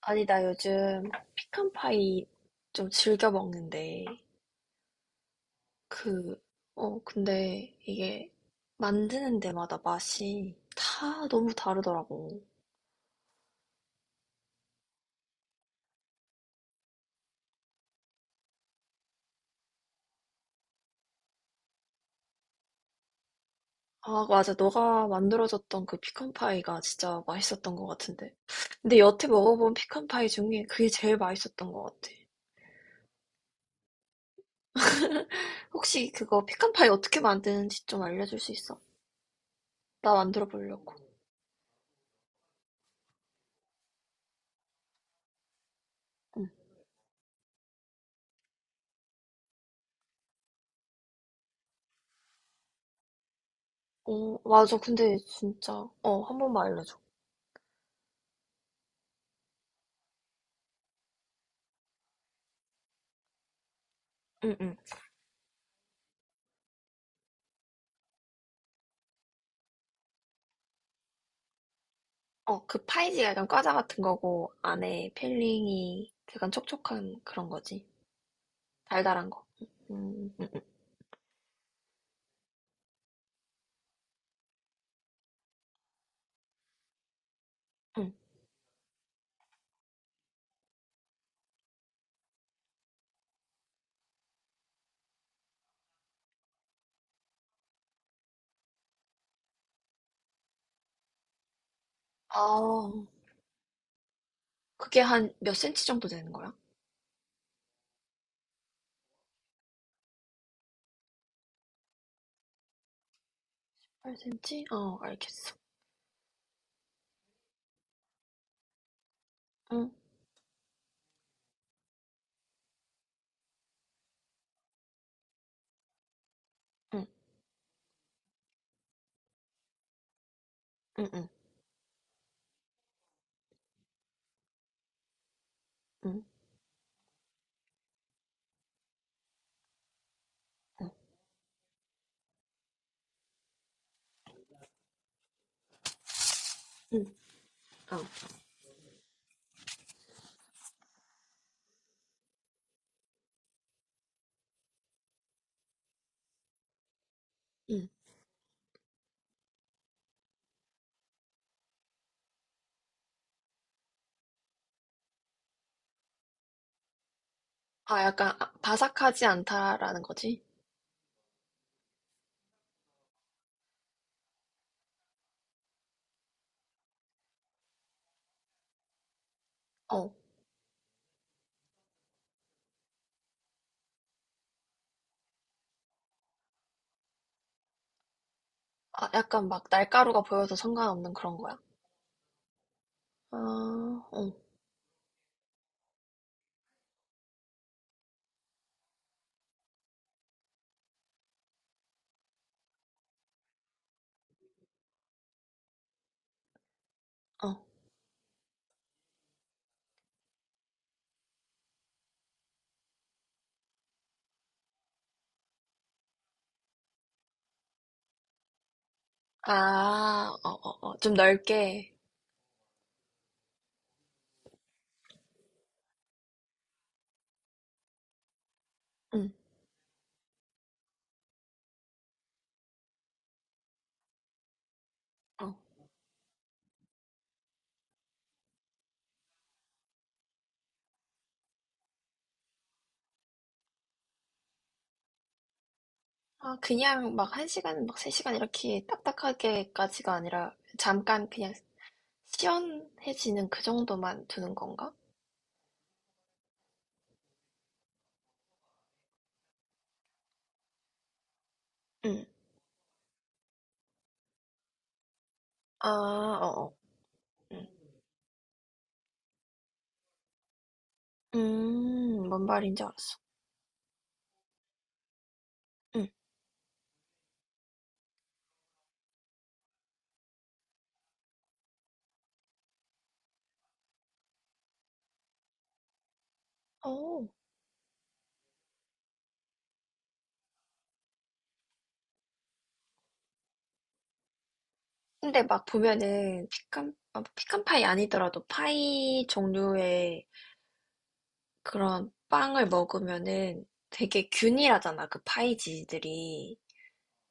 아니, 나 요즘 피칸파이 좀 즐겨 먹는데, 그, 근데 이게 만드는 데마다 맛이 다 너무 다르더라고. 아, 맞아. 너가 만들어줬던 그 피칸파이가 진짜 맛있었던 것 같은데. 근데 여태 먹어본 피칸파이 중에 그게 제일 맛있었던 것 같아. 혹시 그거 피칸파이 어떻게 만드는지 좀 알려줄 수 있어? 나 만들어 보려고. 응. 맞아. 근데 진짜, 어, 한 번만 알려줘. 응, 응. 어, 그 파이지가 약간 과자 같은 거고, 안에 필링이 약간 촉촉한 그런 거지. 달달한 거. 음, 음, 음. 아, 그게 한 몇 센치 정도 되는 거야? 8cm? 어, 알겠어. 응, 응, 응, 응, 응, 응, 응, 어, 응. 아, 약간 바삭하지 않다라는 거지? 어, 아, 약간 막 날가루가 보여서 상관없는 그런 거야? 아, 어, 어. 아, 어, 어, 어. 좀 넓게. 응, 어. 아, 그냥 막 1시간, 막 3시간 이렇게 딱딱하게까지가 아니라 잠깐 그냥 시원해지는 그 정도만 두는 건가? 응. 아, 어어. 응. 뭔 말인지 알았어. 응. 어. 근데 막 보면은 피칸 파이 아니더라도 파이 종류의 그런 빵을 먹으면은 되게 균일하잖아, 그 파이지들이.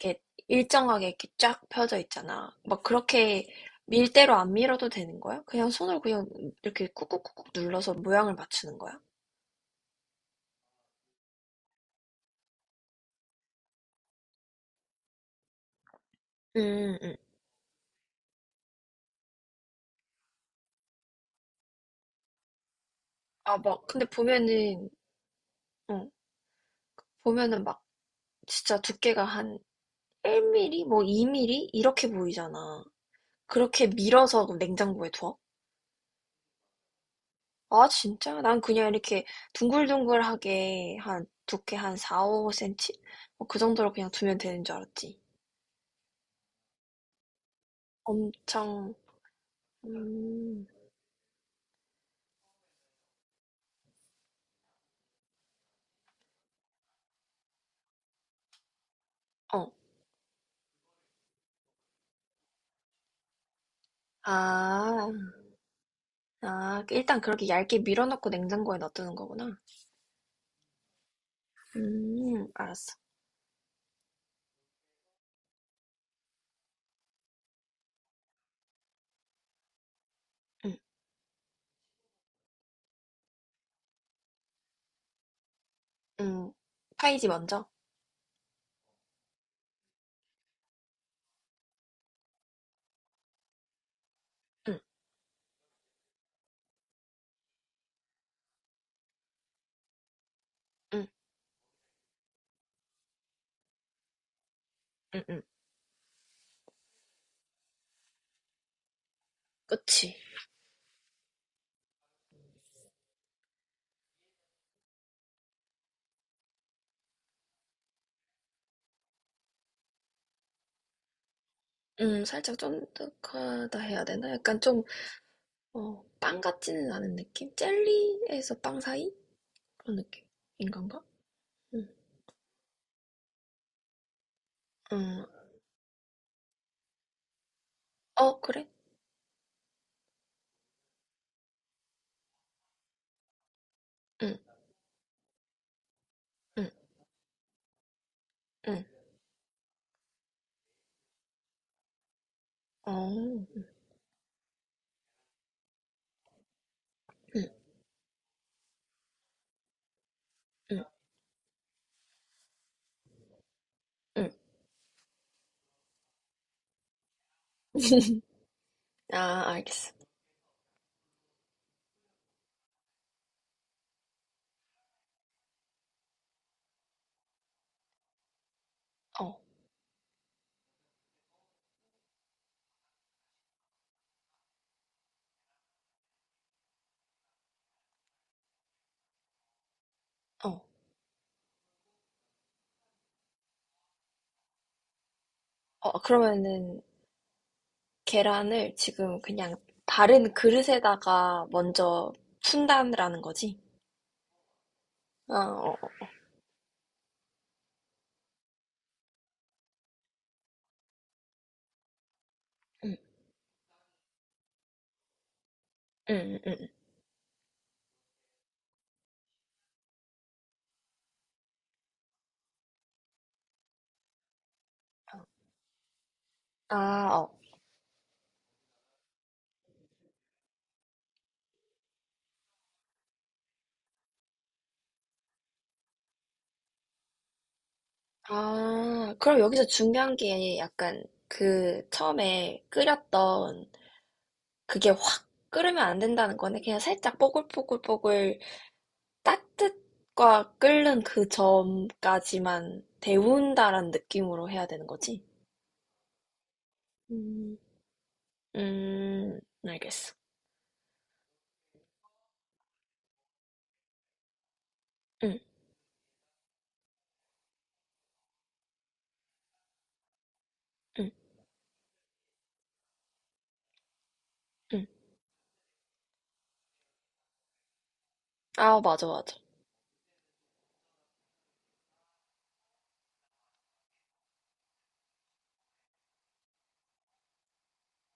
이렇게 일정하게 이렇게 쫙 펴져 있잖아. 막 그렇게 밀대로 안 밀어도 되는 거야? 그냥 손으로 그냥 이렇게 꾹꾹꾹꾹 눌러서 모양을 맞추는 거야? 음, 음. 아, 막, 근데 어, 보면은 막, 진짜 두께가 한 1mm? 뭐 2mm? 이렇게 보이잖아. 그렇게 밀어서 냉장고에 둬? 아, 진짜? 난 그냥 이렇게 둥글둥글하게 한, 두께 한 4, 5cm? 그 정도로 그냥 두면 되는 줄 알았지. 엄청, 음, 어. 아, 일단 그렇게 얇게 밀어넣고 냉장고에 넣어두는 거구나. 알았어. 응, 응. 파이지 먼저. 응, 응, 응, 응. 그치. 살짝 쫀득하다 해야 되나? 약간 좀, 어, 빵 같지는 않은 느낌? 젤리에서 빵 사이? 그런 느낌인 건가? 응, 응. 어, 그래? 응, 응, 응. 어, 응, 응, 응. 아, 알겠어. 어, 어. 어, 그러면은, 계란을 지금 그냥 다른 그릇에다가 먼저 푼다라는 거지? 아, 어, 어. 음, 응. 응. 아, 어. 아, 그럼 여기서 중요한 게 약간 그 처음에 끓였던 그게 확 끓으면 안 된다는 거네. 그냥 살짝 뽀글뽀글뽀글 따뜻과 끓는 그 점까지만 데운다라는 느낌으로 해야 되는 거지? 음, 음, 알겠어. 응, 응, 응. 아, 맞아, 맞아.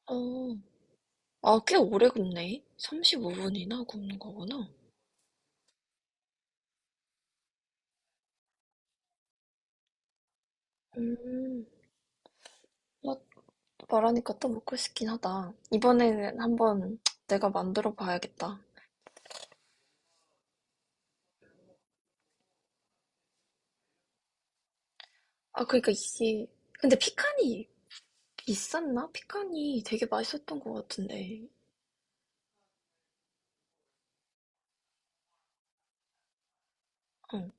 어. 아, 꽤 오래 굽네. 35분이나 굽는 거구나. 음, 나 말하니까 또 먹고 싶긴 하다. 이번에는 한번 내가 만들어 봐야겠다. 아, 그러니까 이게 근데 피칸이 비쌌나? 피칸이 되게 맛있었던 것 같은데. 응.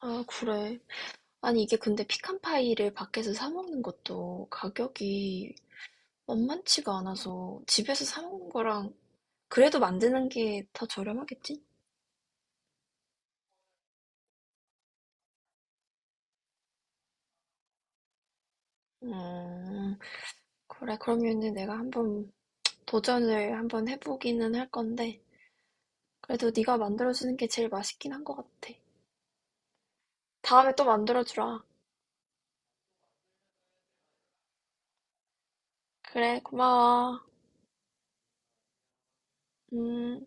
아, 그래. 아니, 이게 근데 피칸 파이를 밖에서 사 먹는 것도 가격이 만만치가 않아서 집에서 사 먹는 거랑 그래도 만드는 게 더 저렴하겠지? 음, 그래. 그러면은 내가 한번 도전을 한번 해보기는 할 건데, 그래도 네가 만들어주는 게 제일 맛있긴 한 것 같아. 다음에 또 만들어주라. 그래, 고마워. 음.